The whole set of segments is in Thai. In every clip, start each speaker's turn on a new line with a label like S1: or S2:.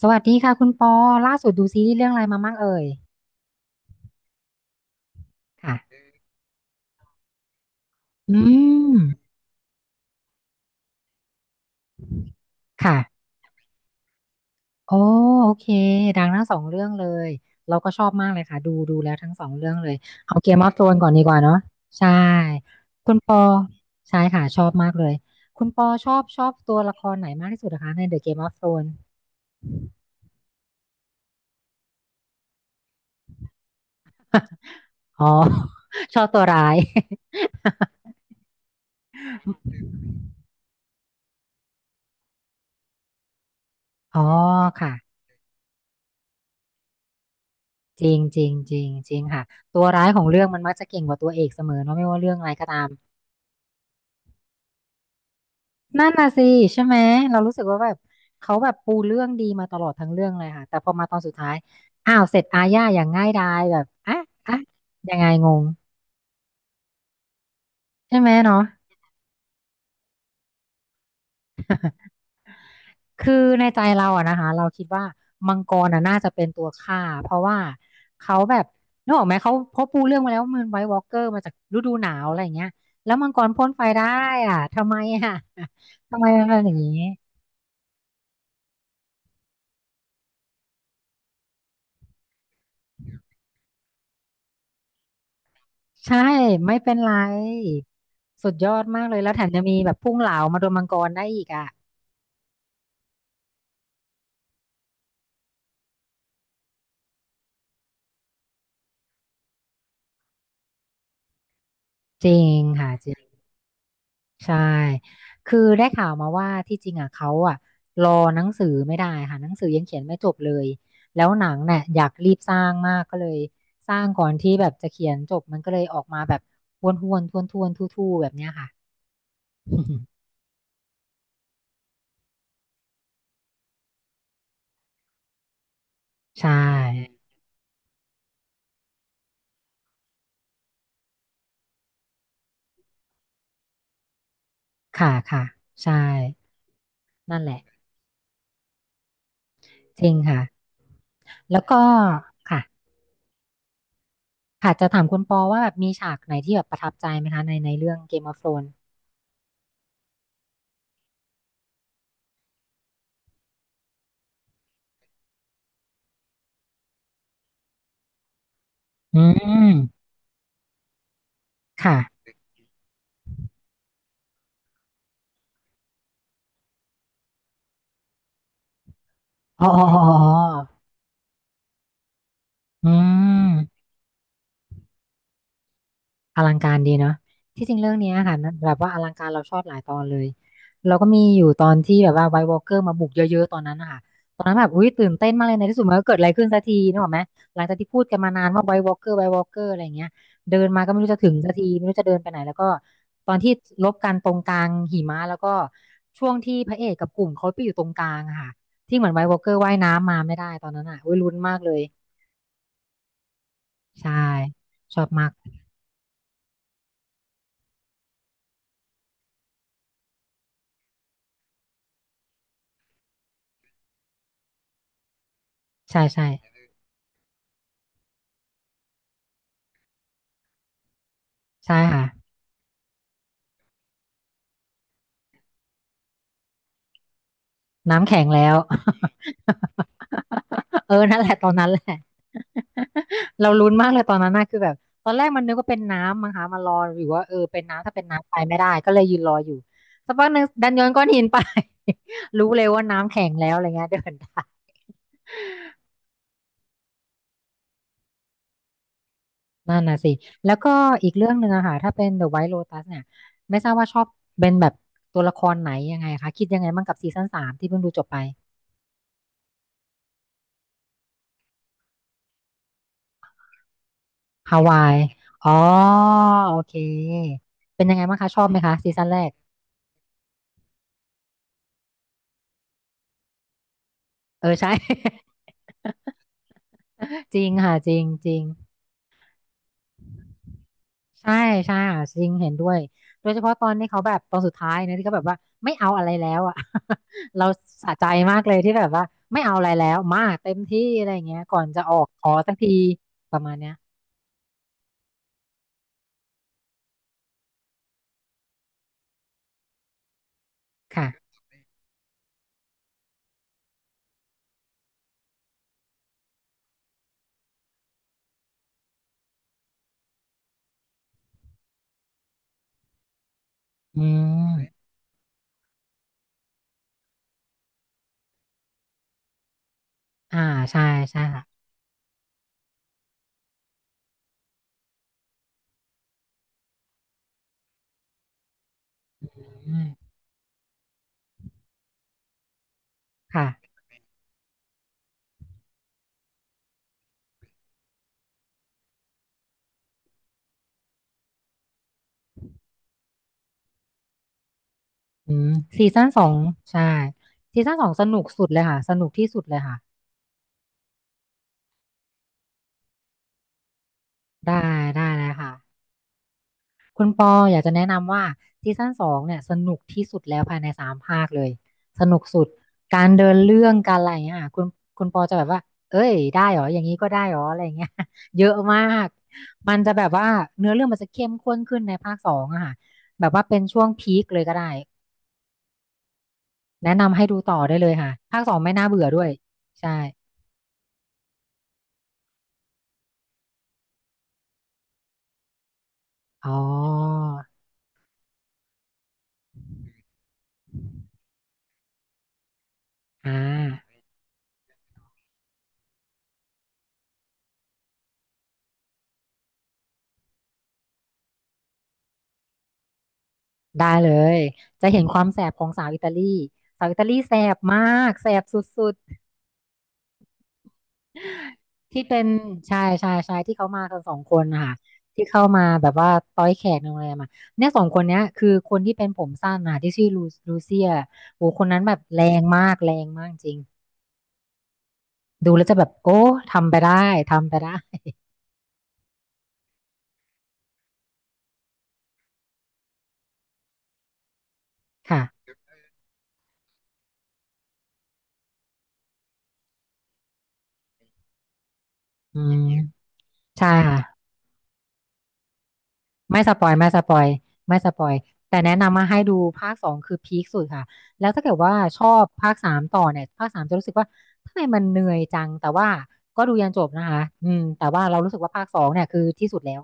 S1: สวัสดีค่ะคุณปอล่าสุดดูซีรีส์เรื่องอะไรมามั่งเอ่ยค่ะอืมค่ะโอ้โอเคดังทั้งสองเรื่องเลยเราก็ชอบมากเลยค่ะดูแล้วทั้งสองเรื่องเลยเอาเกมออฟโธรนก่อนดีกว่าเนาะใช่คุณปอใช่ค่ะชอบมากเลยคุณปอชอบตัวละครไหนมากที่สุดนะคะใน The Game of Thrones อ๋อ ชอบตัวร้าย อ๋อค่ะจริงจริงจริงจริงค่ะตัวร้ายของเรื่องมันมักจะเก่งกว่าตัวเอกเสมอเนาะไม่ว่าเรื่องอะไรก็ตาม นั่นน่ะสิใช่ไหมเรารู้สึกว่าแบบเขาแบบปูเรื่องดีมาตลอดทั้งเรื่องเลยค่ะแต่พอมาตอนสุดท้ายอ้าวเสร็จอาญาอย่างง่ายดายแบบอ่ะอ่ะยังไงงงใช่ไหมเนาะคือในใจเราอะนะคะเราคิดว่ามังกรอะน่าจะเป็นตัวฆ่าเพราะว่าเขาแบบนึกออกไหมเขาเพราะปูเรื่องมาแล้วว่ามันไวท์วอล์กเกอร์มาจากฤดูหนาวอะไรอย่างเงี้ยแล้วมังกรพ่นไฟได้อ่ะทำไมอ่ะ ทำไมมันเป็นอย่างนี้ ใช่ไม่เป็นไรสุดยอดมากเลยแล้วแถมยังมีแบบพุ่งเหลามาโดนมังกรได้อีกอ่ะจริงค่ะจริงใช่คือได้ข่าวมาว่าที่จริงอ่ะเขาอ่ะรอหนังสือไม่ได้ค่ะหนังสือยังเขียนไม่จบเลยแล้วหนังเนี่ยอยากรีบสร้างมากก็เลยสร้างก่อนที่แบบจะเขียนจบมันก็เลยออกมาแบบวนๆวนทวนทู่ๆแบบเนี้ยค่ะ ใช่ค่ะค่ะใช่นั่นแหละจริงค่ะแล้วก็ค่ะ ค่ะจะถามคุณปอว่าแบบมีฉากไหนที่แบบประทับใจไหมคะในเรื่อง Game of Thrones อืม ค่ะ อ๋อ อ๋ออ๋ออ๋ออืม อลังการดีเนาะที่จริงเรื่องเนี้ยค่ะมันแบบว่าอลังการเราชอบหลายตอนเลยเราก็มีอยู่ตอนที่แบบว่าไวท์วอล์กเกอร์มาบุกเยอะๆตอนนั้นนะคะตอนนั้นแบบอุ้ยตื่นเต้นมากเลยในที่สุดมันก็เกิดอะไรขึ้นสักทีนึกออกไหมหลังจากที่พูดกันมานานว่าไวท์วอล์กเกอร์ไวท์วอล์กเกอร์อะไรอย่างเงี้ยเดินมาก็ไม่รู้จะถึงสักทีไม่รู้จะเดินไปไหนแล้วก็ตอนที่ลบกันตรงกลางหิมะแล้วก็ช่วงที่พระเอกกับกลุ่มเขาไปอยู่ตรงกลางอะค่ะที่เหมือนไวท์วอล์กเกอร์ว่ายน้ำมาไม่ได้ตอนนั้นอ่ะอุ้ยลุ้นมากเลยใช่ชอบมากใช่ใช่ใช่ค่ะ น้ำแข็งแล้ว เออนั่นแหละตอนนั้นแหละ เราลุ้นมากเลยตอนนั้นน่ะคือแบบตอนแรกมันนึกว่าเป็นน้ำมั้งคะมารออยู่ว่าเออเป็นน้ำถ้าเป็นน้ำไปไม่ได้ก็เลยยืนรออยู่สักพักหนึ่งดันโยนก้อนหินไป รู้เลยว่าน้ำแข็งแล้วอะไรเงี้ยเดินได้นั่นน่ะสิแล้วก็อีกเรื่องหนึ่งอะค่ะถ้าเป็น The White Lotus เนี่ยไม่ทราบว่าชอบเป็นแบบตัวละครไหนยังไงคะคิดยังไงบ้างกับซีซั่นสามที่เพิ่งดูจบไป ฮาวายอ๋อโอเค เป็นยังไงบ้างคะ ชอบไหมคะซีซั่นแรก เออใช่ จริงค่ะ จริงจริงใช่ใช่ค่ะจริงเห็นด้วย โดยเฉพาะตอนนี้เขาแบบตอนสุดท้ายนะที่เขาแบบว่าไม่เอาอะไรแล้วอ่ะ เราสะใจมากเลยที่แบบว่าไม่เอาอะไรแล้วมาเต็มที่อะไรอย่างเงี้ยก่อนจะออกขอสักทีประมาณเนี้ยค่ะ อืม อ่าใช่ใช่ค่ะอืมค่ะอืมซีซั่นสองใช่ซีซั่นสองสนุกสุดเลยค่ะสนุกที่สุดเลยค่ะ ได้ได้เลยค่ะคุณปออยากจะแนะนำว่าซีซั่นสองเนี่ยสนุกที่สุดแล้วภายในสามภาคเลยสนุกสุดการเดินเรื่องการอะไรอย่างเงี้ยค่ะคุณปอจะแบบว่าเอ้ยได้เหรออย่างนี้ก็ได้เหรออะไรอย่างเงี้ย เยอะมากมันจะแบบว่าเนื้อเรื่องมันจะเข้มข้นขึ้นในภาคสองอะค่ะแบบว่าเป็นช่วงพีคเลยก็ได้แนะนำให้ดูต่อได้เลยค่ะภาคสองไม่น่าเบื่อด้วยใช่อ๋ออ่า ได้เลยจะเห็นความแสบของสาวอิตาลีสาวอิตาลีแสบมากแสบสุดๆที่เป็นชายชายชายที่เขามากันสองคนนะคะที่เข้ามาแบบว่าต้อยแขกในโรงแรมอะเนี่ยสองคนเนี้ยคือคนที่เป็นผมสั้นนะที่ชื่อลูลูเซียโอ้คนนั้นแบบแรงมากแรงมากจริงดูแล้วจะแบบโอ้ทำไปได้ทำไปได้ค่ะอืมใช่ค่ะ ไม่สปอยไม่สปอยแต่แนะนำมาให้ดูภาคสองคือพีคสุดค่ะแล้วถ้าเกิดว่าชอบภาคสามต่อเนี่ยภาคสามจะรู้สึกว่าทำไมมันเหนื่อยจังแต่ว่าก็ดูยันจบนะคะอืมแต่ว่าเรารู้สึกว่าภาคสองเนี่ยคือที่สุดแล้ว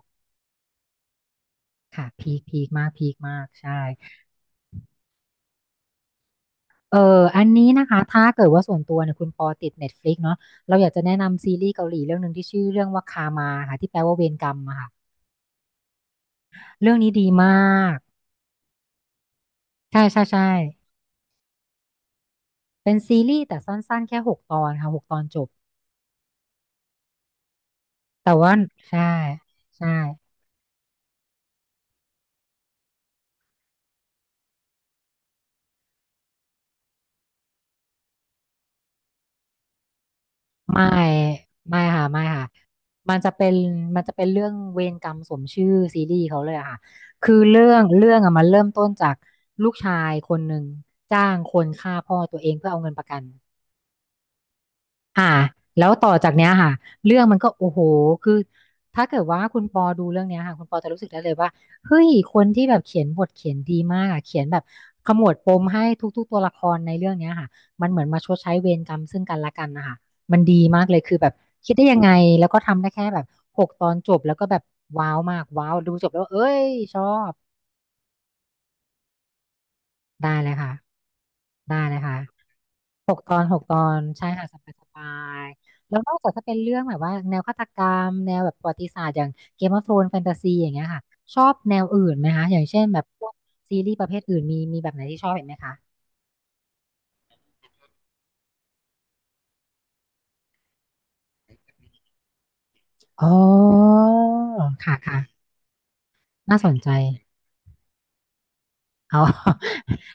S1: ค่ะพีคพีคมากพีคมากใช่เอออันนี้นะคะถ้าเกิดว่าส่วนตัวเนี่ยคุณปอติด Netflix เนาะเราอยากจะแนะนำซีรีส์เกาหลีเรื่องหนึ่งที่ชื่อเรื่องว่าคามาค่ะที่แปลว่าเวรกรรมอะค่ะเรื่องนี้ดีมากใช่ใช่ใช่เป็นซีรีส์แต่สั้นๆแค่หกตอนค่ะหกตอนจบ แต่ว่าใช่ใช่ไม่ไม่ค่ะไม่ค่ะมันจะเป็นมันจะเป็นเรื่องเวรกรรมสมชื่อซีรีส์เขาเลยอะค่ะคือเรื่องอะมันเริ่มต้นจากลูกชายคนหนึ่งจ้างคนฆ่าพ่อตัวเองเพื่อเอาเงินประกัน อ่าแล้วต่อจากเนี้ยค่ะเรื่องมันก็โอ้โหคือถ้าเกิดว่าคุณปอดูเรื่องเนี้ยค่ะคุณปอจะรู้สึกได้เลยว่าเฮ้ยคนที่แบบเขียนบทเขียนดีมากอ่ะเขียนแบบขมวดปมให้ทุกๆตัวละครในเรื่องเนี้ยค่ะมันเหมือนมาชดใช้เวรกรรมซึ่งกันและกันนะคะมันดีมากเลยคือแบบคิดได้ยังไงแล้วก็ทำได้แค่แบบหกตอนจบแล้วก็แบบว้าวมากว้าวดูจบแล้วเอ้ยชอบ ได้เลยค่ะได้เลยค่ะหกตอนหกตอนใช่ค่ะสบายสบายแล้วนอกจากถ้าเป็นเรื่องแบบว่าแนวฆาตกรรมแนวแบบประวัติศาสตร์อย่างเกมออฟโธรนแฟนตาซีอย่างเงี้ยค่ะชอบแนวอื่นไหมคะอย่างเช่นแบบพวกซีรีส์ประเภทอื่นมีแบบไหนที่ชอบเห็นไหมคะอ๋อค่ะค่ะน่าสนใจเอา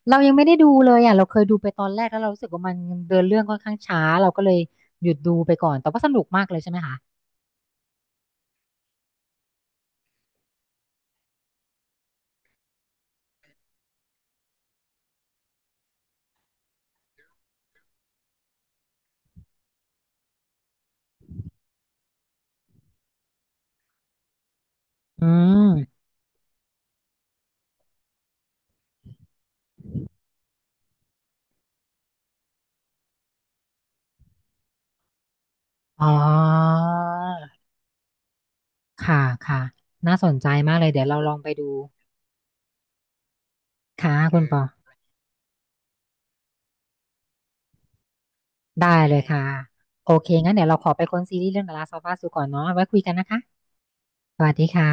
S1: เรายังไม่ได้ดูเลยอ่ะเราเคยดูไปตอนแรกแล้วเรารู้สึกว่ามันเดินเรื่องค่อนข้างช้าเราก็เลยหยุดดูไปก่อนแต่ว่าสนุกมากเลยใช่ไหมคะอืม อ๋อ ค่ะ ค่ะ น่าสนใจมากเลย เดี๋ยวเราลองไปดูค่ะคุณปอได้เลยค่ะ โอเคงั้นเดี๋ยวเราขอไปค้นซีรีส์เรื่อง The Last of Us ดูก่อนเนาะไว้คุยกันนะคะ สวัสดีค่ะ